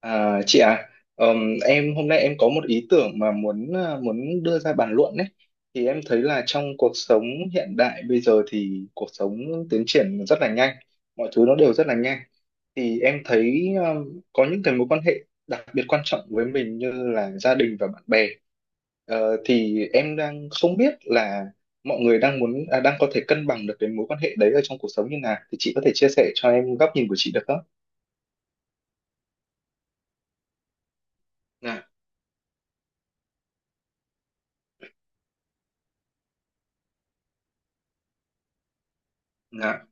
À, chị à, ờm, em hôm nay em có một ý tưởng mà muốn đưa ra bàn luận đấy. Thì em thấy là trong cuộc sống hiện đại bây giờ thì cuộc sống tiến triển rất là nhanh, mọi thứ nó đều rất là nhanh. Thì em thấy có những cái mối quan hệ đặc biệt quan trọng với mình như là gia đình và bạn bè. Thì em đang không biết là mọi người đang đang có thể cân bằng được cái mối quan hệ đấy ở trong cuộc sống như nào. Thì chị có thể chia sẻ cho em góc nhìn của chị được không? Dạ, dạ,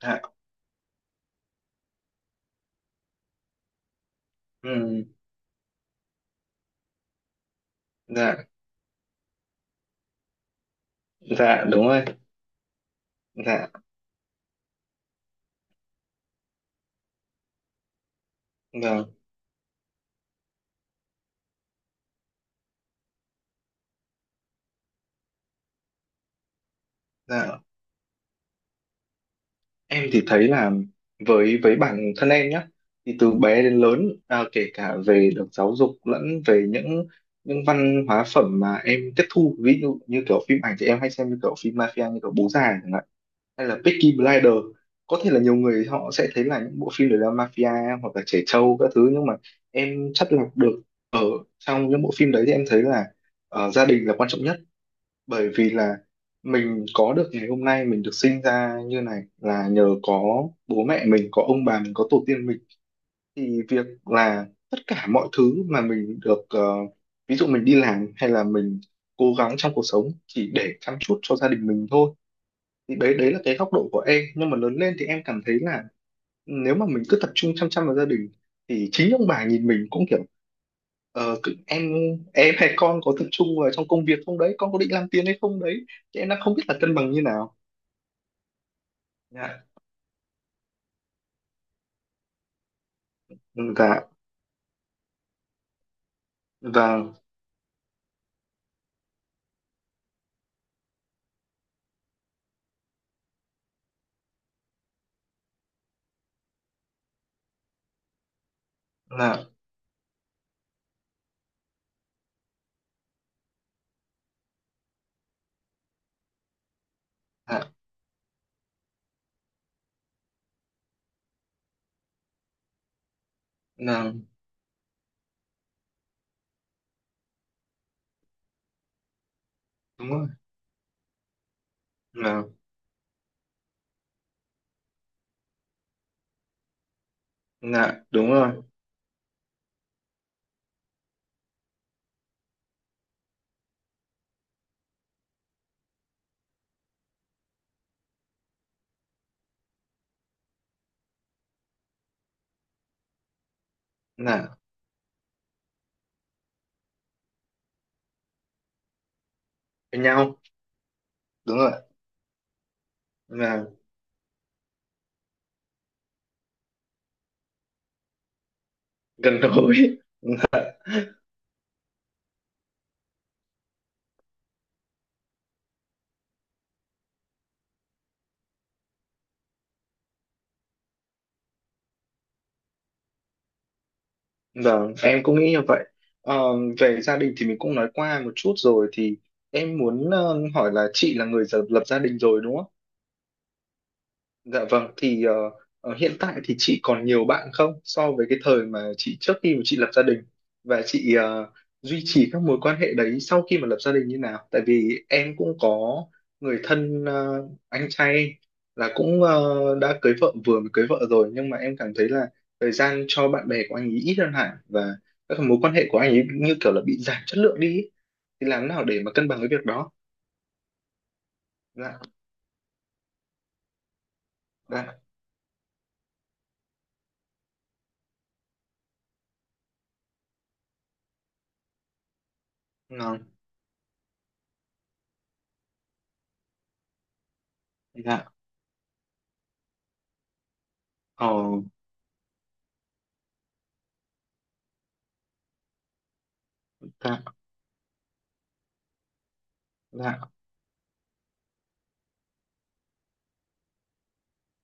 dạ. Ừ, dạ, dạ, đúng rồi. Dạ, vâng. Dạ, em thì thấy là với bản thân em nhé, thì từ bé đến lớn kể cả về được giáo dục lẫn về những văn hóa phẩm mà em tiếp thu, ví dụ như kiểu phim ảnh thì em hay xem như kiểu phim mafia, như kiểu Bố Già chẳng hạn, hay là Peaky Blinders. Có thể là nhiều người họ sẽ thấy là những bộ phim đấy là mafia hoặc là trẻ trâu các thứ, nhưng mà em chắt lọc được ở trong những bộ phim đấy. Thì em thấy là gia đình là quan trọng nhất, bởi vì là mình có được ngày hôm nay, mình được sinh ra như này là nhờ có bố mẹ mình, có ông bà mình, có tổ tiên mình. Thì việc là tất cả mọi thứ mà mình được, ví dụ mình đi làm hay là mình cố gắng trong cuộc sống chỉ để chăm chút cho gia đình mình thôi, thì đấy đấy là cái góc độ của em. Nhưng mà lớn lên thì em cảm thấy là nếu mà mình cứ tập trung chăm chăm vào gia đình thì chính ông bà nhìn mình cũng kiểu ờ, cứ- em em hay con có tập trung vào trong công việc không đấy, con có định làm tiền hay không đấy. Thì em đang không biết là cân bằng như nào. Dạ. Ừ, dạ. Và là là là đúng rồi. Là là đúng rồi. Là với nhau đúng rồi. Là gần gũi. Vâng, em cũng nghĩ như vậy. Ờ, Về gia đình thì mình cũng nói qua một chút rồi, thì em muốn hỏi là chị là người lập lập gia đình rồi đúng không? Dạ vâng, thì hiện tại thì chị còn nhiều bạn không, so với cái thời mà chị trước khi mà chị lập gia đình, và chị duy trì các mối quan hệ đấy sau khi mà lập gia đình như nào? Tại vì em cũng có người thân, anh trai, là cũng đã cưới vợ, vừa mới cưới vợ rồi, nhưng mà em cảm thấy là thời gian cho bạn bè của anh ấy ít hơn hẳn, và các mối quan hệ của anh ấy như kiểu là bị giảm chất lượng đi ý. Thì làm nào để mà cân bằng cái việc đó? Dạ, dạ, dạ, dạ, ờ, dạ,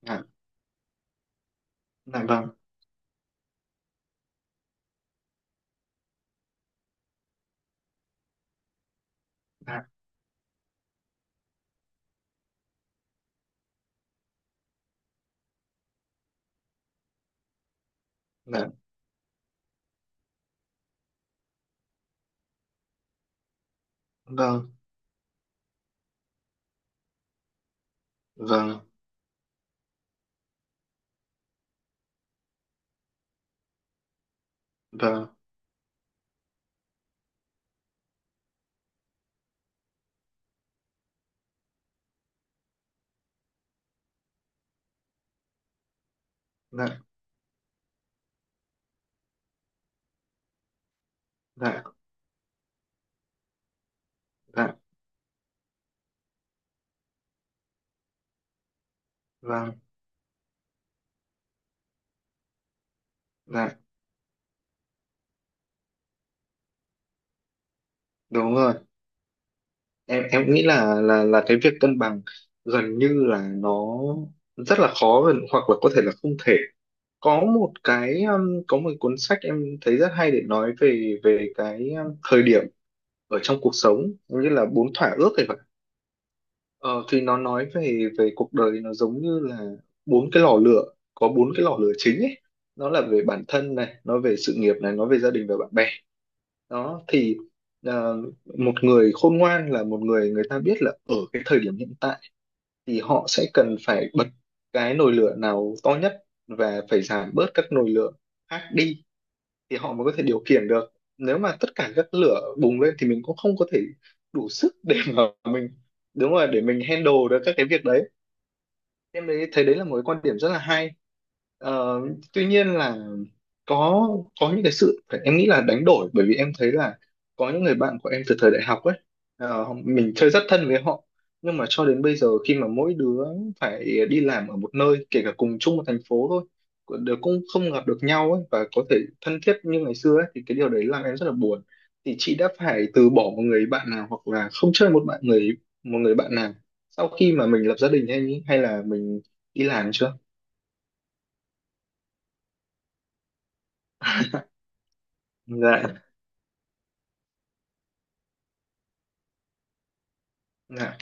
dạ. Dạ, vâng. Dạ, dạ, vâng, vâng, vâng. Dạ, dạ, dạ, vâng. Dạ, đúng rồi. Em nghĩ là cái việc cân bằng gần như là nó rất là khó, hoặc là có thể là không thể. Có một cái có một cuốn sách em thấy rất hay, để nói về về cái thời điểm ở trong cuộc sống, như là bốn thỏa ước. Thì nó nói về về cuộc đời nó giống như là bốn cái lò lửa, có bốn cái lò lửa chính ấy. Nó là về bản thân này, nó về sự nghiệp này, nó về gia đình và bạn bè. Đó thì ờ, một người khôn ngoan là một người người ta biết là ở cái thời điểm hiện tại thì họ sẽ cần phải bật cái nồi lửa nào to nhất và phải giảm bớt các nồi lửa khác đi, thì họ mới có thể điều khiển được. Nếu mà tất cả các lửa bùng lên thì mình cũng không có thể đủ sức để mà mình đúng rồi, để mình handle được các cái việc đấy. Em thấy đấy là một cái quan điểm rất là hay. Ờ, Tuy nhiên là có có những cái sự em nghĩ là đánh đổi, bởi vì em thấy là có những người bạn của em từ thời đại học ấy, mình chơi rất thân với họ, nhưng mà cho đến bây giờ, khi mà mỗi đứa phải đi làm ở một nơi kể cả cùng chung một thành phố thôi, đều cũng không gặp được nhau ấy, và có thể thân thiết như ngày xưa ấy, thì cái điều đấy làm em rất là buồn. Thì chị đã phải từ bỏ một người bạn nào, hoặc là không chơi một người bạn nào sau khi mà mình lập gia đình, hay hay là mình đi làm chưa? Dạ, dạ,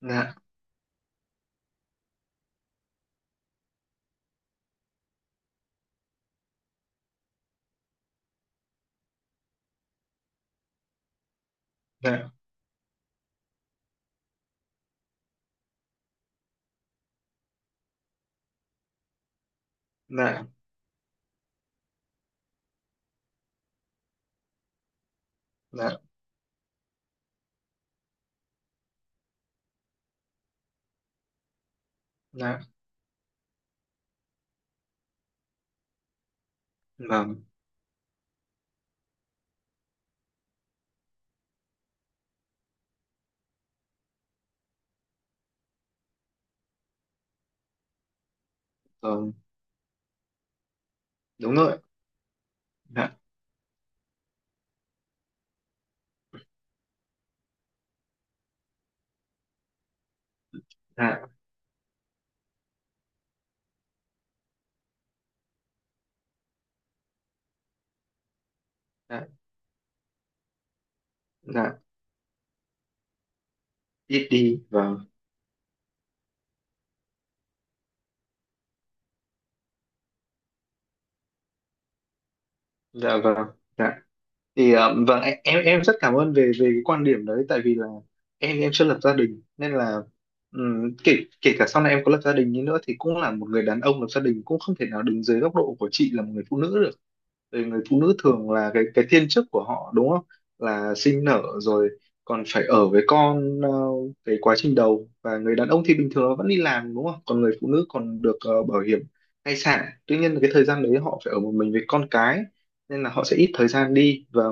dạ, dạ, dạ, dạ. Dạ, vâng, vâng, đúng rồi. Dạ, dạ, dạ, dạ. Ít đi, vâng. Dạ, vâng. Dạ thì vâng, em rất cảm ơn về về cái quan điểm đấy. Tại vì là em chưa lập gia đình, nên là kể kể cả sau này em có lập gia đình đi nữa thì cũng là một người đàn ông lập gia đình, cũng không thể nào đứng dưới góc độ của chị là một người phụ nữ được. Vì người phụ nữ thường là cái thiên chức của họ, đúng không, là sinh nở rồi còn phải ở với con, cái quá trình đầu. Và người đàn ông thì bình thường nó vẫn đi làm, đúng không, còn người phụ nữ còn được bảo hiểm thai sản, tuy nhiên là cái thời gian đấy họ phải ở một mình với con cái, nên là họ sẽ ít thời gian đi. Và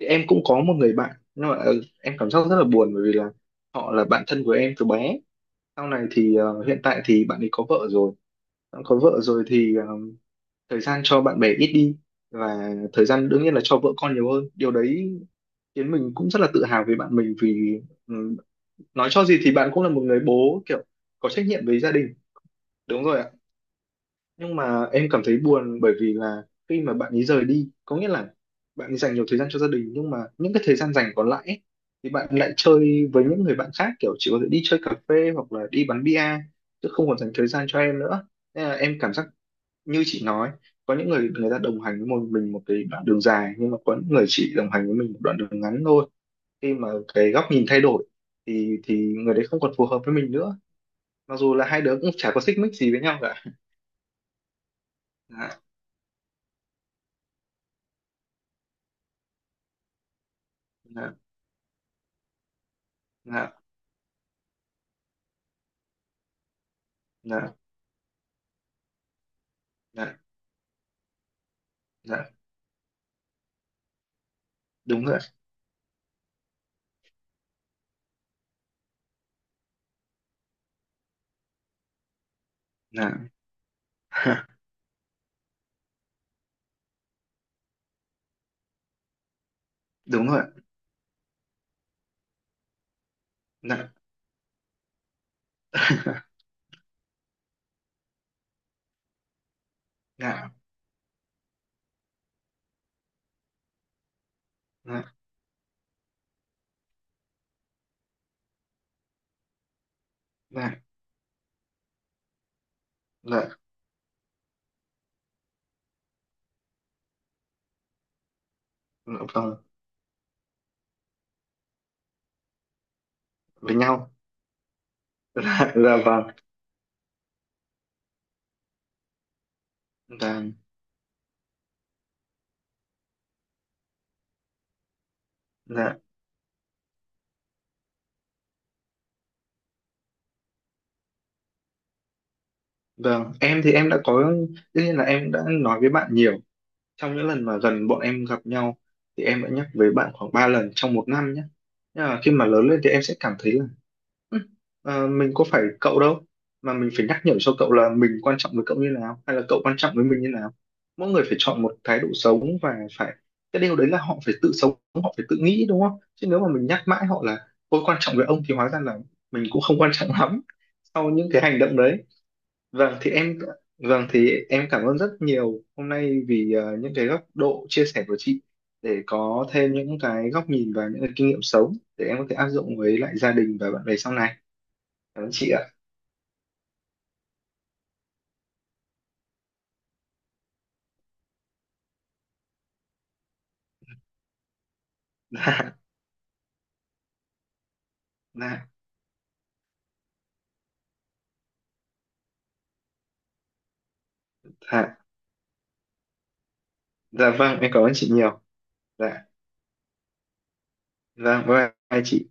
thì em cũng có một người bạn, nhưng mà em cảm giác rất là buồn, bởi vì là họ là bạn thân của em từ bé. Sau này thì hiện tại thì bạn ấy có vợ rồi. Bạn có vợ rồi thì thời gian cho bạn bè ít đi, và thời gian đương nhiên là cho vợ con nhiều hơn. Điều đấy khiến mình cũng rất là tự hào về bạn mình, vì ừ, nói cho gì thì bạn cũng là một người bố kiểu có trách nhiệm với gia đình. Đúng rồi ạ. Nhưng mà em cảm thấy buồn, bởi vì là khi mà bạn ấy rời đi có nghĩa là bạn ấy dành nhiều thời gian cho gia đình, nhưng mà những cái thời gian dành còn lại ấy, thì bạn lại chơi với những người bạn khác, kiểu chỉ có thể đi chơi cà phê hoặc là đi bắn bia, chứ không còn dành thời gian cho em nữa. Nên là em cảm giác như chị nói, có những người người ta đồng hành với một mình một cái đoạn đường dài, nhưng mà có những người chỉ đồng hành với mình một đoạn đường ngắn thôi. Khi mà cái góc nhìn thay đổi thì người đấy không còn phù hợp với mình nữa, mặc dù là hai đứa cũng chả có xích mích gì với nhau cả. Dạ, dạ, dạ, dạ. Dạ, dạ, đúng rồi ạ. Dạ. Đúng rồi ạ. Dạ. Dạ, dạ, dạ, dạ, dạ, vâng, với nhau. Dạ, vâng. Dạ, dạ, vâng. Em thì em đã có, tất nhiên là em đã nói với bạn nhiều trong những lần mà gần bọn em gặp nhau. Thì em đã nhắc với bạn khoảng 3 lần trong một năm nhé. Nhưng mà khi mà lớn lên thì em sẽ cảm thấy là: "Ừ, mình có phải cậu đâu mà mình phải nhắc nhở cho cậu là mình quan trọng với cậu như nào hay là cậu quan trọng với mình như nào. Mỗi người phải chọn một thái độ sống, và cái điều đấy là họ phải tự sống, họ phải tự nghĩ, đúng không? Chứ nếu mà mình nhắc mãi họ là tôi quan trọng với ông thì hóa ra là mình cũng không quan trọng lắm sau những cái hành động đấy." Vâng thì em vâng thì em cảm ơn rất nhiều hôm nay vì những cái góc độ chia sẻ của chị, để có thêm những cái góc nhìn và những cái kinh nghiệm sống để em có thể áp dụng với lại gia đình và bạn bè sau này. Cảm ơn chị ạ. Dạ, dạ, dạ, dạ vâng, em cảm ơn chị nhiều. Dạ, vâng, bye bye chị.